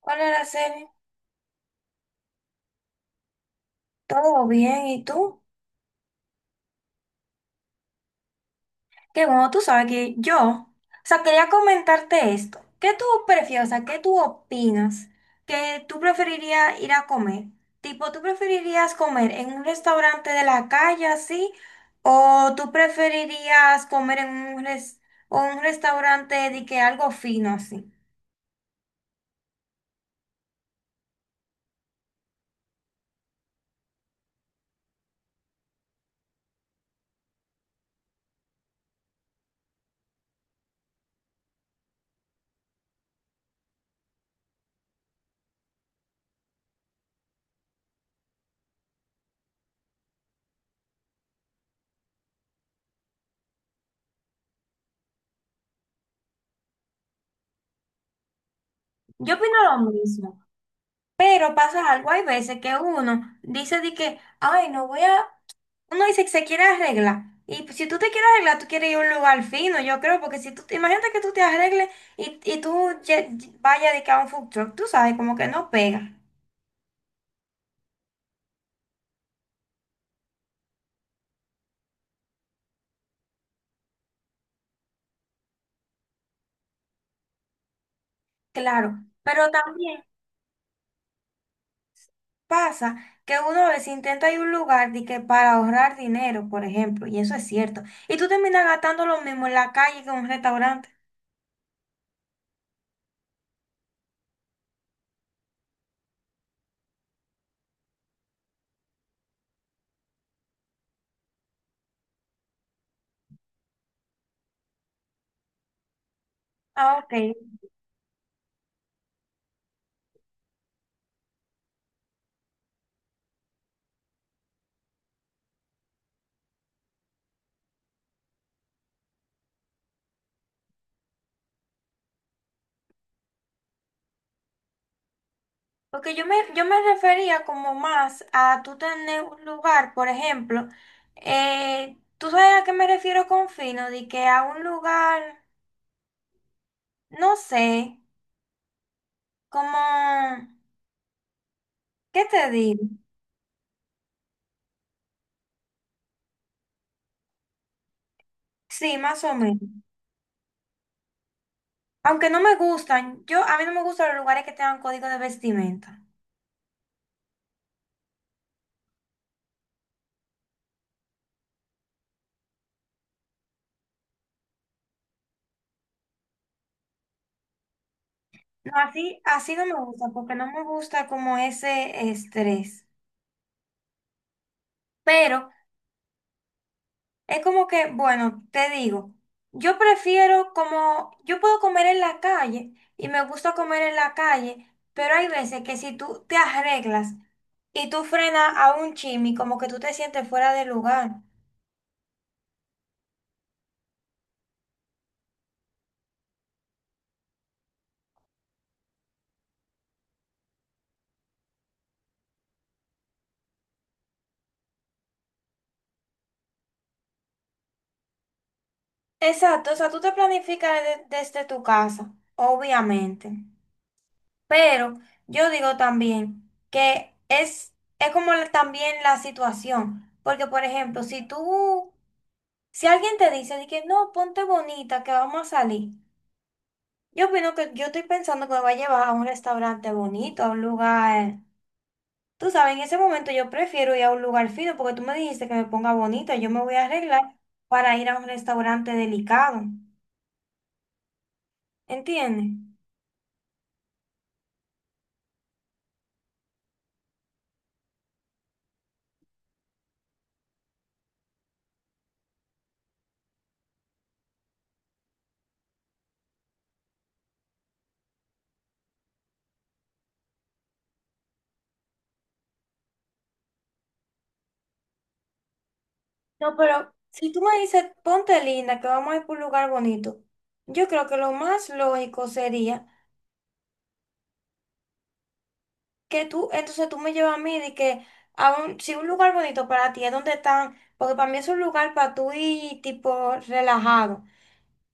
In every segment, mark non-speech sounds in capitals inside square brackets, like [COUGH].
Hola, Araceli. ¿Todo bien? ¿Y tú? Qué bueno, tú sabes que yo, o sea, quería comentarte esto. ¿Qué tú prefieres? O sea, ¿qué tú opinas? ¿Que tú preferirías ir a comer? Tipo, ¿tú preferirías comer en un restaurante de la calle así? ¿O tú preferirías comer en un, res- o un restaurante de que algo fino así? Yo opino lo mismo, pero pasa algo, hay veces que uno dice de que, ay, no voy a. Uno dice que se quiere arreglar. Y pues, si tú te quieres arreglar, tú quieres ir a un lugar fino, yo creo, porque si tú, imagínate que tú te arregles y vayas de que a un food truck, tú sabes, como que no pega. Claro, pero también pasa que uno a veces intenta ir a un lugar de que para ahorrar dinero, por ejemplo, y eso es cierto. Y tú terminas gastando lo mismo en la calle que en un restaurante. Ah, ok. Porque yo me refería como más a tú tener un lugar, por ejemplo, tú sabes a qué me refiero con fino, de que a un lugar, no sé, como, ¿qué te digo? Sí, más o menos. Aunque no me gustan, a mí no me gustan los lugares que tengan código de vestimenta. No, así no me gusta, porque no me gusta como ese estrés. Pero es como que, bueno, te digo, yo prefiero como, yo puedo comer en la calle y me gusta comer en la calle, pero hay veces que si tú te arreglas y tú frenas a un chimi, como que tú te sientes fuera de lugar. Exacto, o sea, tú te planificas desde tu casa, obviamente. Pero yo digo también que es como también la situación, porque por ejemplo, si alguien te dice de que no, ponte bonita, que vamos a salir. Yo opino que yo estoy pensando que me va a llevar a un restaurante bonito, a un lugar. Tú sabes, en ese momento yo prefiero ir a un lugar fino porque tú me dijiste que me ponga bonito. Yo me voy a arreglar para ir a un restaurante delicado. ¿Entiendes? No, pero si tú me dices, ponte linda, que vamos a ir por un lugar bonito, yo creo que lo más lógico sería entonces tú me llevas a mí de que a si un lugar bonito para ti es donde están, porque para mí es un lugar para tú ir tipo relajado.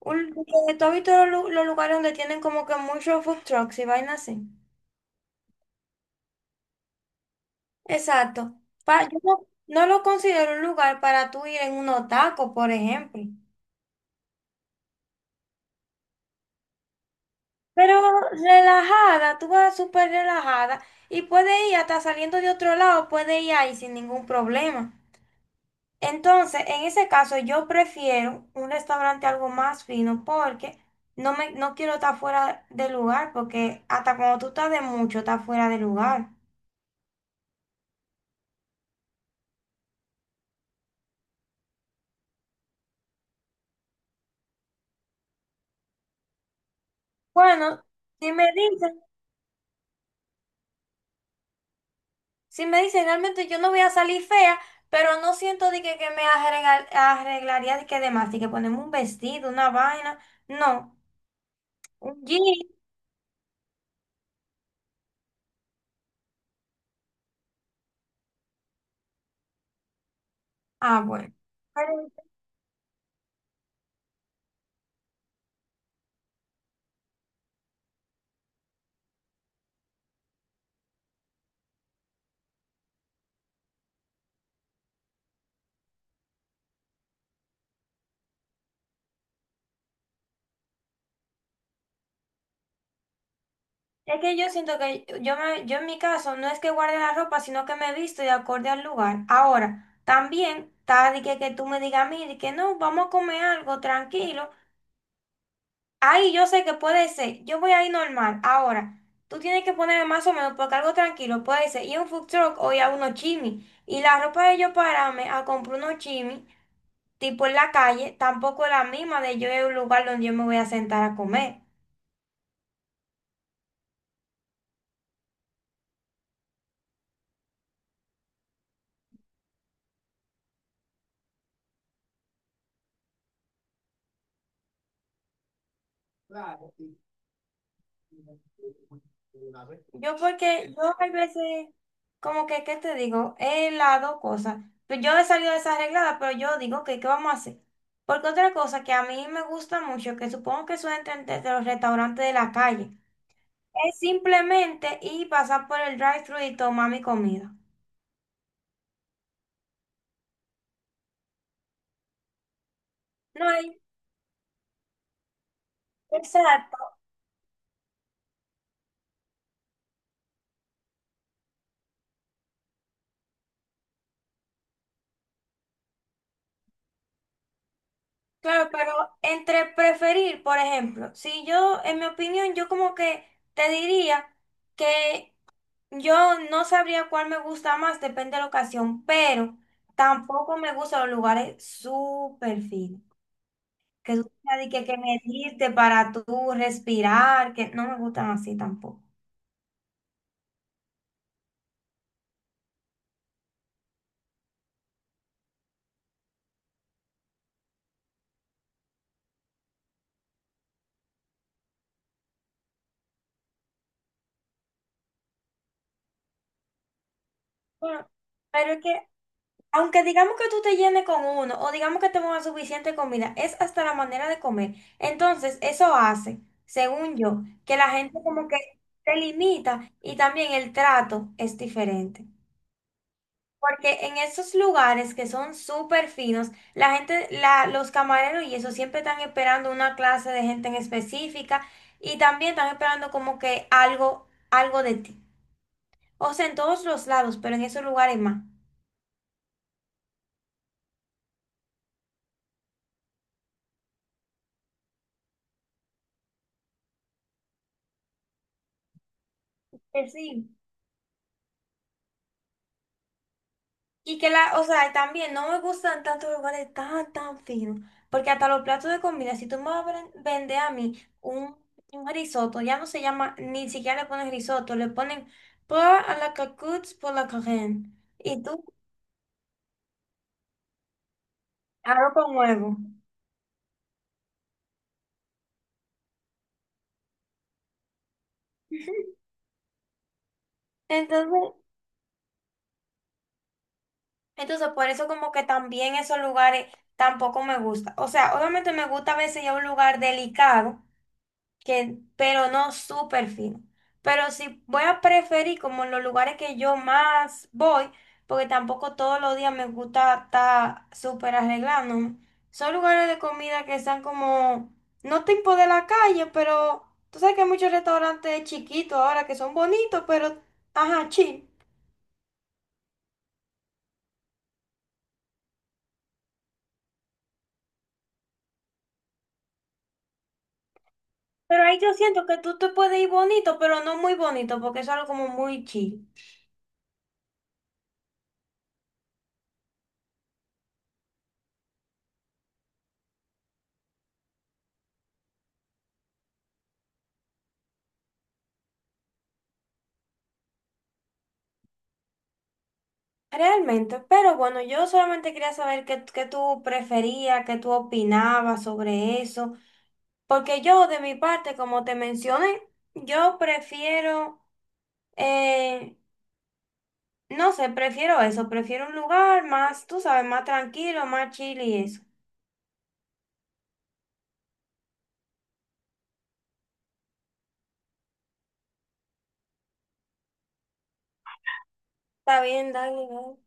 Un, ¿Tú has visto los lugares donde tienen como que muchos food trucks y vainas así? Exacto. Yo no lo considero un lugar para tú ir en unos tacos, por ejemplo. Pero relajada, tú vas súper relajada y puedes ir hasta saliendo de otro lado, puedes ir ahí sin ningún problema. Entonces, en ese caso, yo prefiero un restaurante algo más fino porque no quiero estar fuera de lugar, porque hasta cuando tú estás de mucho, estás fuera de lugar. Bueno, si me dicen, si me dicen realmente yo no voy a salir fea, pero no siento de que, me arreglaría de que demás, de que ponemos un vestido, una vaina, no, un jean, ah, bueno. Pero es que yo siento que yo en mi caso no es que guarde la ropa, sino que me visto de acorde al lugar. Ahora, también está de que tú me digas a mí de que no, vamos a comer algo tranquilo. Ahí yo sé que puede ser, yo voy ahí normal. Ahora, tú tienes que ponerme más o menos porque algo tranquilo, puede ser, y a un food truck o ir a unos chimis. Y la ropa de yo pararme a comprar unos chimis, tipo en la calle, tampoco es la misma de yo en un lugar donde yo me voy a sentar a comer. Yo porque yo hay veces, como que, ¿qué te digo? Es las dos cosas. Pues yo he salido desarreglada, pero yo digo, que ¿qué vamos a hacer? Porque otra cosa que a mí me gusta mucho, que supongo que suelen entre de los restaurantes de la calle. Es simplemente y pasar por el drive-thru y tomar mi comida. No hay, exacto. Claro, pero entre preferir, por ejemplo, si yo, en mi opinión, yo como que te diría que yo no sabría cuál me gusta más, depende de la ocasión, pero tampoco me gustan los lugares súper finos. Que tú tengas de que medirte para tú respirar, que no me gustan así tampoco. Bueno, pero es que aunque digamos que tú te llenes con uno o digamos que te pongas suficiente comida, es hasta la manera de comer. Entonces, eso hace, según yo, que la gente como que se limita y también el trato es diferente. Porque en esos lugares que son súper finos, la gente, los camareros y eso siempre están esperando una clase de gente en específica y también están esperando como que algo, algo de ti. O sea, en todos los lados, pero en esos lugares más. Que sí. Y que o sea, también no me gustan tantos lugares tan, tan finos, porque hasta los platos de comida, si tú me vas a vender a mí un, risotto, ya no se llama, ni siquiera le ponen risotto, le ponen por a la cocotte por la carène, y tú arroz con huevo. [LAUGHS] Entonces, entonces, por eso como que también esos lugares tampoco me gusta. O sea, obviamente me gusta a veces ir a un lugar delicado, pero no súper fino. Pero sí voy a preferir como en los lugares que yo más voy, porque tampoco todos los días me gusta estar súper arreglándome. Son lugares de comida que están como, no tipo de la calle, pero tú sabes que hay muchos restaurantes chiquitos ahora que son bonitos, pero, ajá, chill. Pero ahí yo siento que tú te puedes ir bonito, pero no muy bonito, porque es algo como muy chill. Realmente, pero bueno, yo solamente quería saber qué tú preferías, qué tú opinabas sobre eso, porque yo de mi parte, como te mencioné, yo prefiero, eh, no sé, prefiero eso, prefiero un lugar más, tú sabes, más tranquilo, más chill y eso. Está bien, dale, dale.